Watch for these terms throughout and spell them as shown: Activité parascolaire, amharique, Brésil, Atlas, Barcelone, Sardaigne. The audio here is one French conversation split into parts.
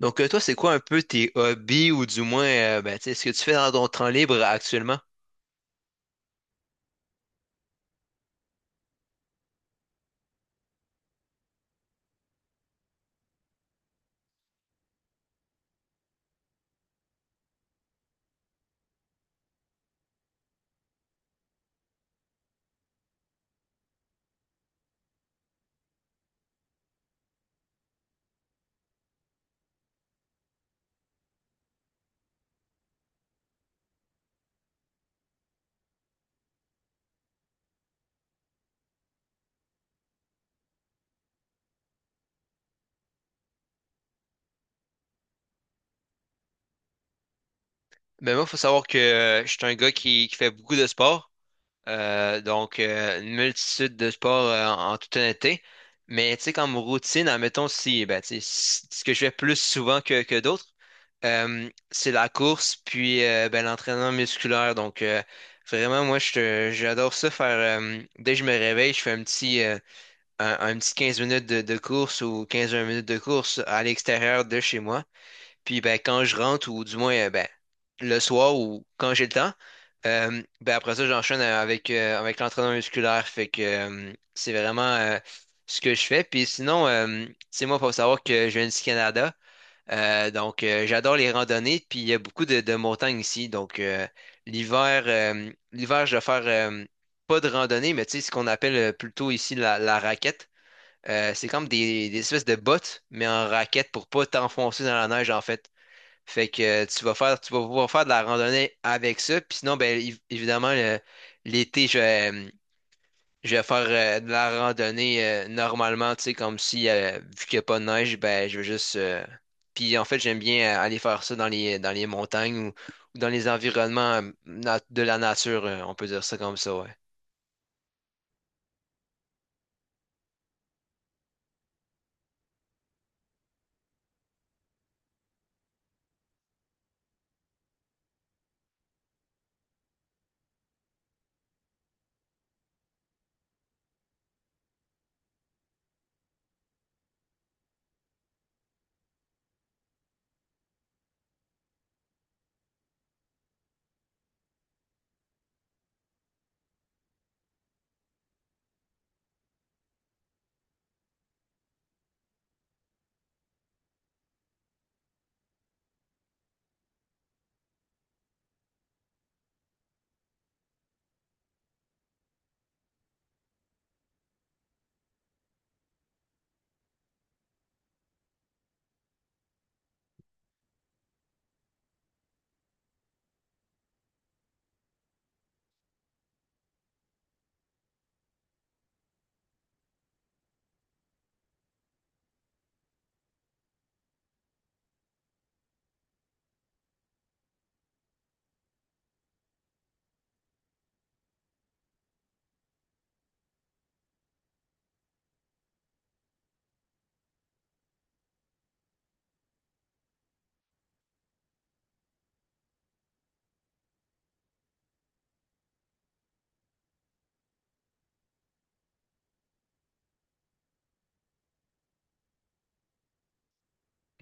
Toi, c'est quoi un peu tes hobbies ou du moins, ben, tu sais, ce que tu fais dans ton temps libre actuellement? Ben, moi, faut savoir que je suis un gars qui fait beaucoup de sport. Une multitude de sports en toute honnêteté. Mais, tu sais, comme routine, admettons, si, ben, tu sais, ce que je fais plus souvent que d'autres, c'est la course puis ben, l'entraînement musculaire. Vraiment, moi, j'adore ça faire. Dès que je me réveille, je fais un petit 15 minutes de course ou 15 20 minutes de course à l'extérieur de chez moi. Puis ben, quand je rentre, ou du moins ben, le soir ou quand j'ai le temps, ben, après ça, j'enchaîne avec l'entraînement musculaire. Fait que C'est vraiment ce que je fais. Puis sinon, c'est moi, faut savoir que je viens du Canada. J'adore les randonnées, puis il y a beaucoup de montagnes ici. Donc, l'hiver, je vais faire pas de randonnée, mais tu sais, ce qu'on appelle plutôt ici la raquette. C'est comme des espèces de bottes, mais en raquette pour pas t'enfoncer dans la neige, en fait. Fait que Tu vas faire, tu vas pouvoir faire de la randonnée avec ça. Puis sinon, ben, évidemment, l'été, je vais faire de la randonnée normalement, tu sais, comme si, vu qu'il n'y a pas de neige, ben, je vais juste. Puis en fait, j'aime bien aller faire ça dans dans les montagnes ou dans les environnements de la nature, on peut dire ça comme ça, ouais.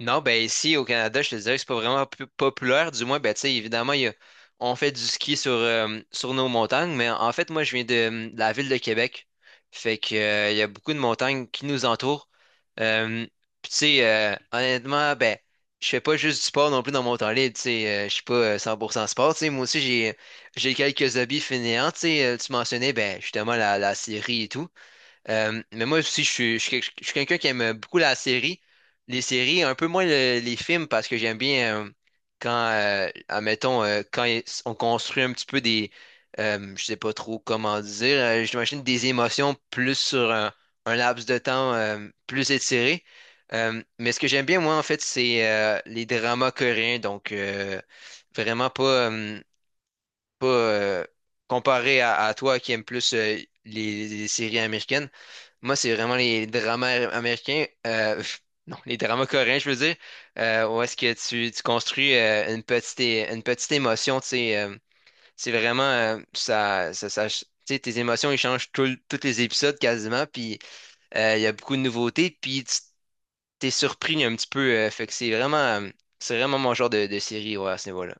Non, ben ici au Canada, je te dirais que c'est pas vraiment populaire. Du moins, ben tu sais, évidemment, il y a, on fait du ski sur sur nos montagnes, mais en fait, moi, je viens de la ville de Québec. Il y a beaucoup de montagnes qui nous entourent. Euh, puis tu sais, honnêtement, ben, je fais pas juste du sport non plus dans mon temps libre, tu sais, je suis pas 100% sport, tu sais, moi aussi, j'ai quelques hobbies fainéants, tu sais, tu mentionnais, ben, justement, la série et tout. Mais moi aussi, je suis je suis quelqu'un qui aime beaucoup la série, les séries, un peu moins les films parce que j'aime bien quand, admettons, on construit un petit peu des, je sais pas trop comment dire, j'imagine des émotions plus sur un laps de temps plus étiré. Mais ce que j'aime bien, moi, en fait, c'est les dramas coréens, donc vraiment euh, pas, comparé à toi qui aime plus les séries américaines. Moi, c'est vraiment les dramas américains, pff, non, les dramas coréens, je veux dire, où est-ce que tu construis une petite, une petite émotion, tu sais, c'est vraiment, tu sais, tes émotions, ils changent tous les épisodes quasiment, puis il y a beaucoup de nouveautés, puis tu t'es surpris un petit peu, fait que c'est vraiment mon genre de série, ouais, à ce niveau-là.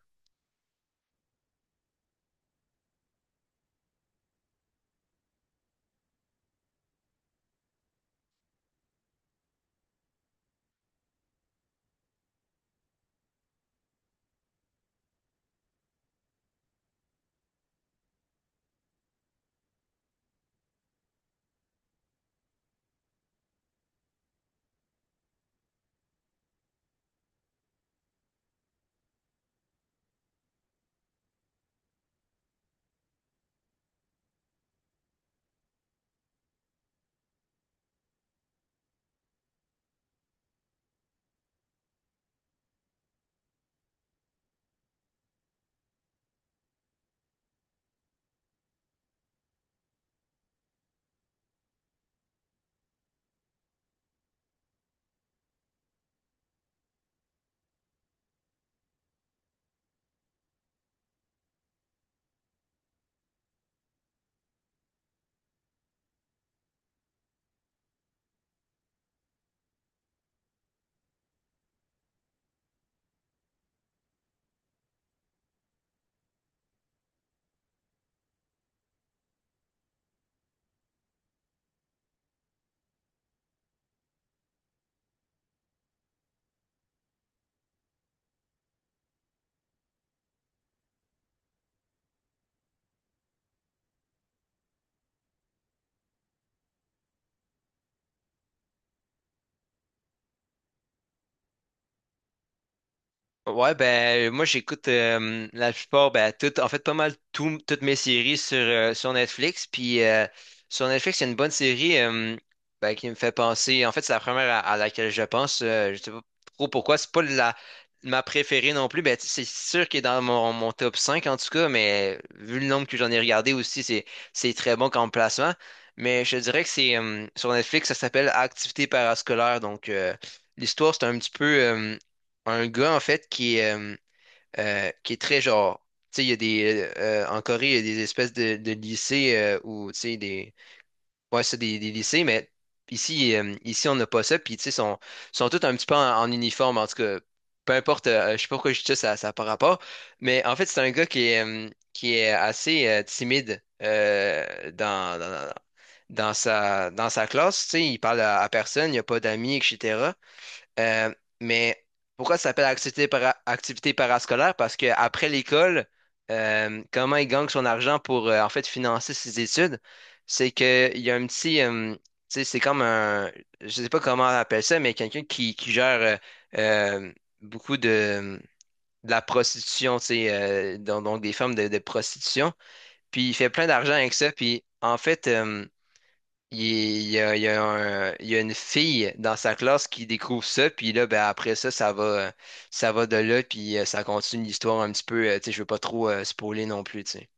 Ouais, ben moi j'écoute la plupart, ben tout, en fait pas mal toutes mes séries sur sur Netflix. Puis sur Netflix, il y a une bonne série ben, qui me fait penser. En fait, c'est la première à laquelle je pense. Je sais pas trop pourquoi. C'est pas la ma préférée non plus. Ben tu sais, c'est sûr qu'il est dans mon top 5 en tout cas, mais vu le nombre que j'en ai regardé aussi, c'est très bon comme placement. Mais je dirais que c'est sur Netflix, ça s'appelle Activité parascolaire. Donc, l'histoire, c'est un petit peu. Un gars, en fait, qui est très genre. Tu sais, il y a des. En Corée, il y a des espèces de lycées où, tu sais, des. Ouais, c'est des lycées, mais ici, ici on n'a pas ça. Puis, tu sais, sont tous un petit peu en uniforme, en tout cas. Peu importe, je sais pas pourquoi je dis ça, ça n'a pas rapport. Mais en fait, c'est un gars qui est assez timide dans sa classe. Tu sais, il parle à personne, il n'y a pas d'amis, etc. Euh, mais pourquoi ça s'appelle activité, activité parascolaire? Parce qu'après l'école, comment il gagne son argent pour en fait financer ses études? C'est qu'il y a un petit, tu sais, c'est comme un, je sais pas comment on appelle ça, mais quelqu'un qui gère euh, beaucoup de la prostitution, tu sais, donc des formes de prostitution. Puis il fait plein d'argent avec ça. Puis en fait, il y a une fille dans sa classe qui découvre ça, puis là, ben, après ça, ça va de là, puis ça continue l'histoire un petit peu. Tu sais, je veux pas trop spoiler non plus, tu sais.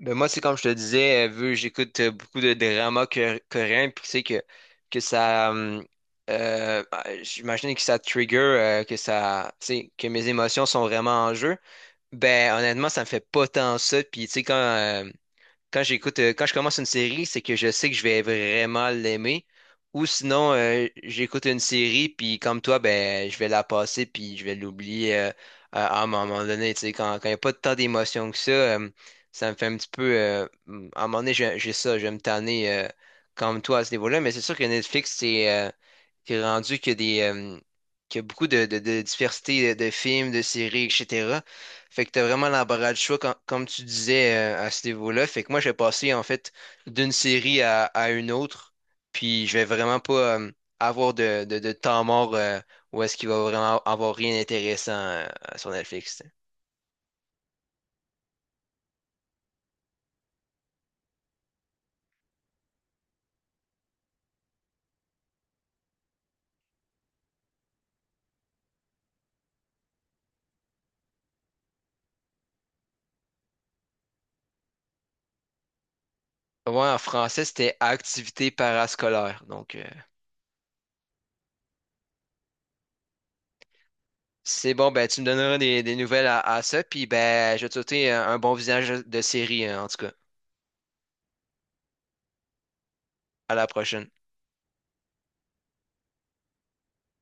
Ben, moi, c'est comme je te disais, vu que j'écoute beaucoup de dramas coréens, puis tu sais que ça. Bah, j'imagine que ça trigger, que ça. Tu sais, que mes émotions sont vraiment en jeu. Ben, honnêtement, ça me fait pas tant ça, puis tu sais, Quand j'écoute, quand je commence une série, c'est que je sais que je vais vraiment l'aimer. Ou sinon, j'écoute une série, puis comme toi, ben, je vais la passer, puis je vais l'oublier à un moment donné. Tu sais, quand il n'y a pas tant d'émotions que ça, ça me fait un petit peu. À un moment donné, j'ai ça, je vais me tanner comme toi à ce niveau-là. Mais c'est sûr que Netflix, c'est rendu qu'il y a qu'il y a beaucoup de diversité de films, de séries, etc. Fait que t'as vraiment l'embarras du choix, comme tu disais, à ce niveau-là. Fait que moi, je vais passer, en fait, d'une série à une autre. Puis, je vais vraiment pas avoir de temps mort où est-ce qu'il va vraiment avoir rien d'intéressant sur Netflix. T'sais. Ouais, en français, c'était activité parascolaire. C'est bon, ben, tu me donneras des nouvelles à ça. Puis, ben, je vais te souhaiter un bon visage de série, en tout cas. À la prochaine.